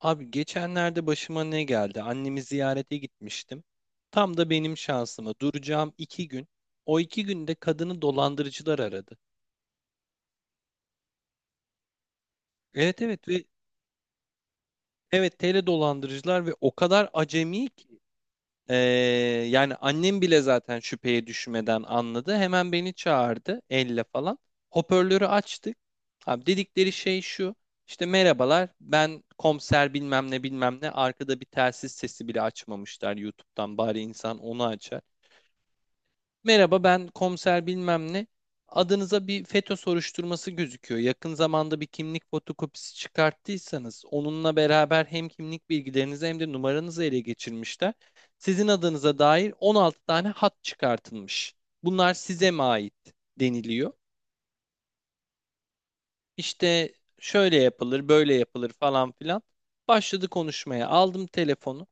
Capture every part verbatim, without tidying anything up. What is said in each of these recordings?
Abi geçenlerde başıma ne geldi? Annemi ziyarete gitmiştim. Tam da benim şansıma duracağım iki gün. O iki günde kadını dolandırıcılar aradı. Evet evet ve evet tele dolandırıcılar ve o kadar acemi ki. Ee, yani annem bile zaten şüpheye düşmeden anladı. Hemen beni çağırdı elle falan. Hoparlörü açtık. Abi dedikleri şey şu. İşte merhabalar ben komiser bilmem ne bilmem ne arkada bir telsiz sesi bile açmamışlar YouTube'dan bari insan onu açar. Merhaba ben komiser bilmem ne. Adınıza bir FETÖ soruşturması gözüküyor. Yakın zamanda bir kimlik fotokopisi çıkarttıysanız onunla beraber hem kimlik bilgilerinizi hem de numaranızı ele geçirmişler. Sizin adınıza dair on altı tane hat çıkartılmış. Bunlar size mi ait deniliyor. İşte şöyle yapılır, böyle yapılır falan filan. Başladı konuşmaya. Aldım telefonu.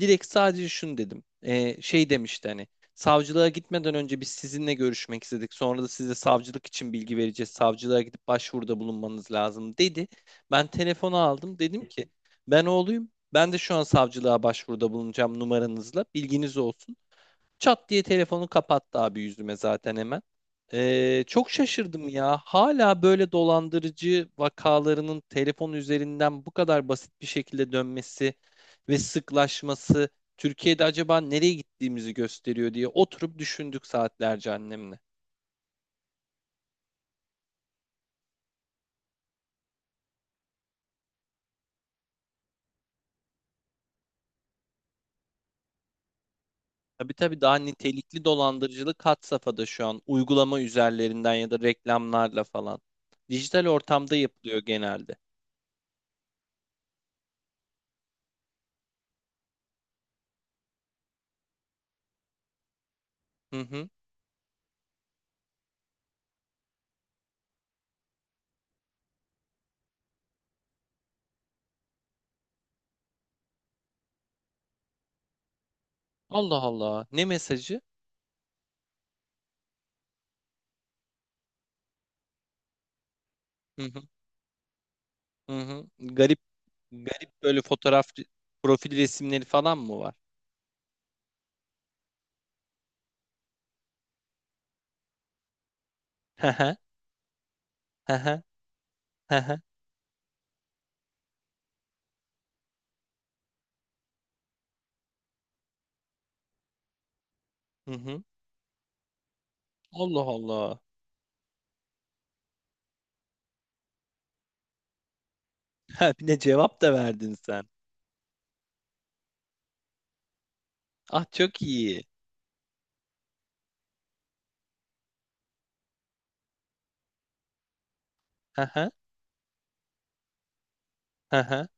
Direkt sadece şunu dedim. Ee, şey demişti hani. Savcılığa gitmeden önce biz sizinle görüşmek istedik. Sonra da size savcılık için bilgi vereceğiz. Savcılığa gidip başvuruda bulunmanız lazım dedi. Ben telefonu aldım. Dedim ki ben oğluyum. Ben de şu an savcılığa başvuruda bulunacağım numaranızla. Bilginiz olsun. Çat diye telefonu kapattı abi yüzüme zaten hemen. Ee, çok şaşırdım ya. Hala böyle dolandırıcı vakalarının telefon üzerinden bu kadar basit bir şekilde dönmesi ve sıklaşması Türkiye'de acaba nereye gittiğimizi gösteriyor diye oturup düşündük saatlerce annemle. Tabii tabii daha nitelikli dolandırıcılık had safhada şu an uygulama üzerlerinden ya da reklamlarla falan. Dijital ortamda yapılıyor genelde. Hı hı. Allah Allah. Ne mesajı? Hı hı. Hı hı. Garip Garip böyle fotoğraf profil resimleri falan mı var? Hı hı, hı hı, hı hı, hı hı. Allah Allah. Ha, bir de cevap da verdin sen. Ah çok iyi. Hı hı, hı hı.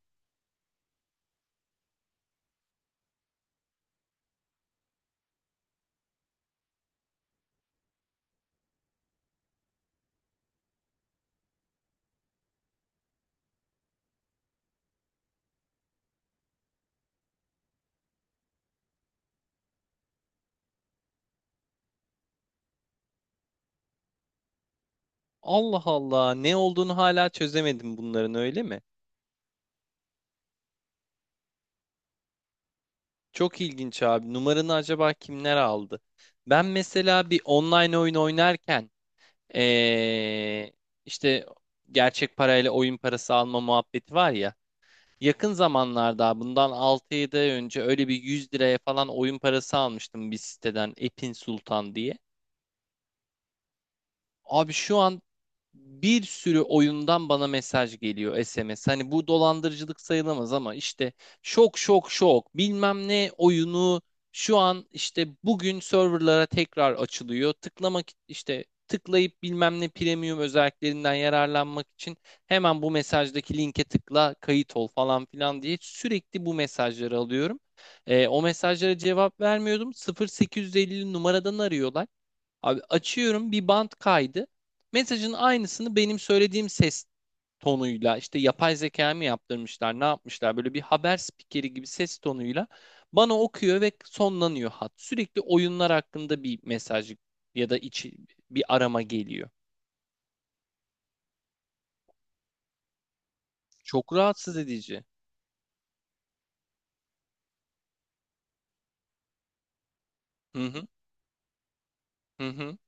Allah Allah. Ne olduğunu hala çözemedim bunların öyle mi? Çok ilginç abi. Numaranı acaba kimler aldı? Ben mesela bir online oyun oynarken ee, işte gerçek parayla oyun parası alma muhabbeti var ya. Yakın zamanlarda bundan altı yedi ay önce öyle bir yüz liraya falan oyun parası almıştım bir siteden Epin Sultan diye. Abi şu an bir sürü oyundan bana mesaj geliyor S M S. Hani bu dolandırıcılık sayılamaz ama işte şok şok şok bilmem ne oyunu şu an işte bugün serverlara tekrar açılıyor. Tıklamak işte tıklayıp bilmem ne premium özelliklerinden yararlanmak için hemen bu mesajdaki linke tıkla kayıt ol falan filan diye sürekli bu mesajları alıyorum. Ee, o mesajlara cevap vermiyordum. sıfır sekiz elli numaradan arıyorlar. Abi açıyorum bir bant kaydı. Mesajın aynısını benim söylediğim ses tonuyla işte yapay zeka mı yaptırmışlar ne yapmışlar böyle bir haber spikeri gibi ses tonuyla bana okuyor ve sonlanıyor hat. Sürekli oyunlar hakkında bir mesaj ya da içi bir arama geliyor. Çok rahatsız edici. Hı hı, hı hı,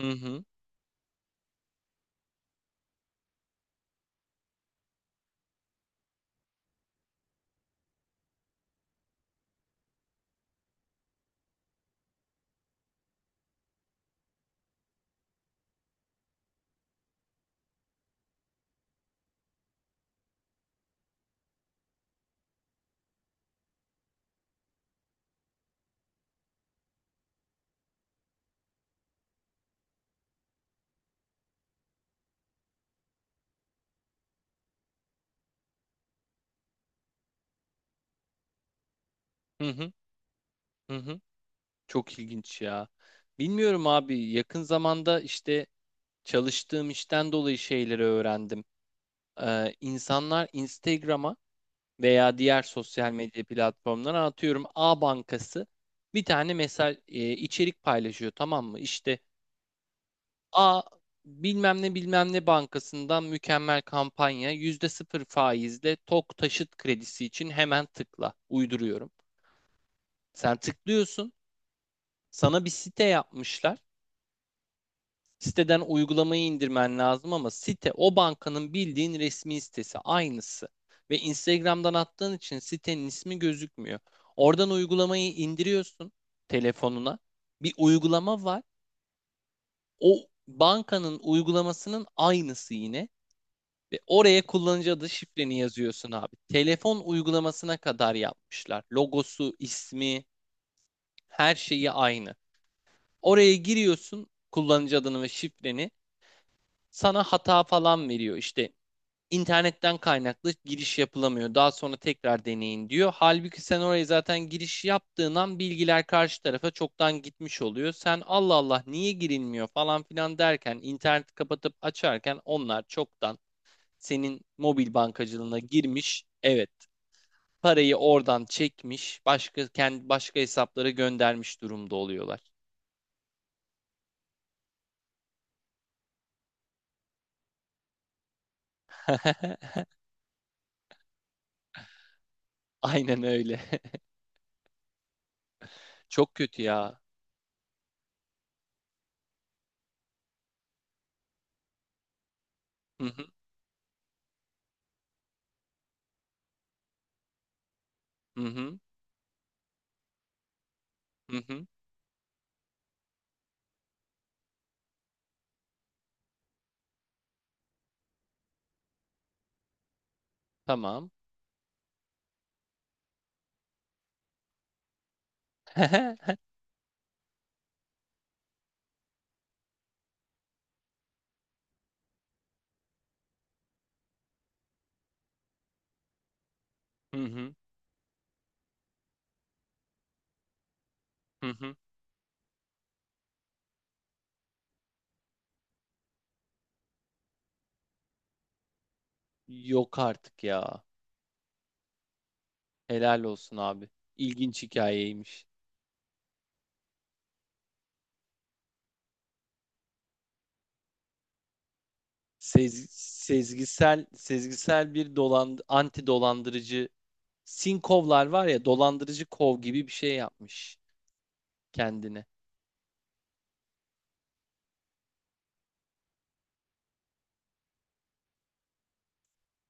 hı hı, hı hı. Hı hı. Çok ilginç ya. Bilmiyorum abi yakın zamanda işte çalıştığım işten dolayı şeyleri öğrendim. Ee, insanlar Instagram'a veya diğer sosyal medya platformlarına atıyorum A Bankası bir tane mesaj e, içerik paylaşıyor tamam mı? İşte A bilmem ne bilmem ne bankasından mükemmel kampanya yüzde sıfır faizle TOK taşıt kredisi için hemen tıkla uyduruyorum. Sen tıklıyorsun sana bir site yapmışlar. Siteden uygulamayı indirmen lazım ama site o bankanın bildiğin resmi sitesi aynısı. Ve Instagram'dan attığın için sitenin ismi gözükmüyor. Oradan uygulamayı indiriyorsun telefonuna. Bir uygulama var. O bankanın uygulamasının aynısı yine. Ve oraya kullanıcı adı şifreni yazıyorsun abi. Telefon uygulamasına kadar yapmışlar. Logosu, ismi, her şeyi aynı. Oraya giriyorsun kullanıcı adını ve şifreni. Sana hata falan veriyor. İşte İnternetten kaynaklı giriş yapılamıyor. Daha sonra tekrar deneyin diyor. Halbuki sen oraya zaten giriş yaptığın an bilgiler karşı tarafa çoktan gitmiş oluyor. Sen Allah Allah niye girilmiyor falan filan derken interneti kapatıp açarken onlar çoktan senin mobil bankacılığına girmiş. Evet. Parayı oradan çekmiş, başka kendi başka hesaplara göndermiş durumda oluyorlar. Aynen öyle. Çok kötü ya. Hı hı, hı hı, hı. Hı. Tamam. Hı hı, hı hı. Yok artık ya. Helal olsun abi. İlginç hikayeymiş. Sez- sezgisel sezgisel bir dolan anti dolandırıcı sinkovlar var ya dolandırıcı kov gibi bir şey yapmış kendine.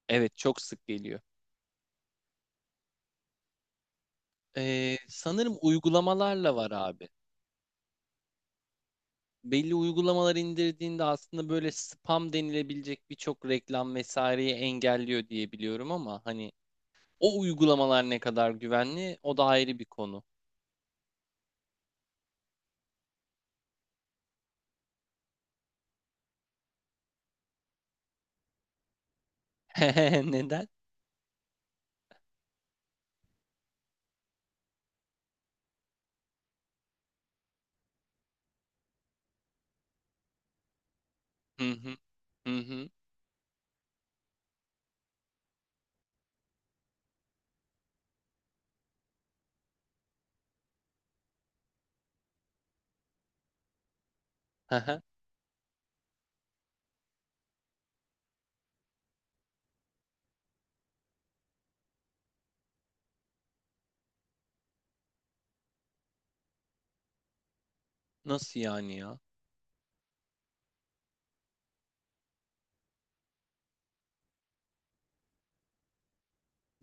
Evet çok sık geliyor. Ee, sanırım uygulamalarla var abi. Belli uygulamalar indirdiğinde aslında böyle spam denilebilecek birçok reklam vesaireyi engelliyor diye biliyorum ama hani o uygulamalar ne kadar güvenli o da ayrı bir konu. Neden? Hı hı. Hı hı. Hı hı. Nasıl yani ya?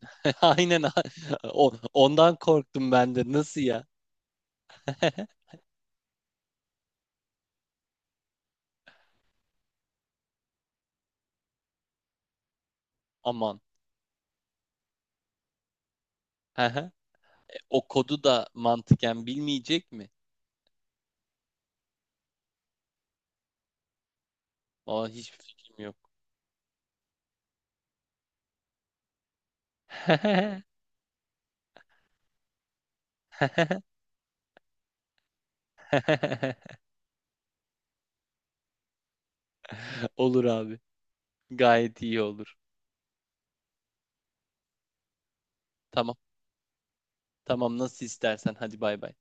Aynen. a- O, ondan korktum ben de. Nasıl ya? Aman. Hı hı. E, o kodu da mantıken bilmeyecek mi? Aa, hiçbir fikrim yok. Olur abi. Gayet iyi olur. Tamam. Tamam nasıl istersen. Hadi bay bay.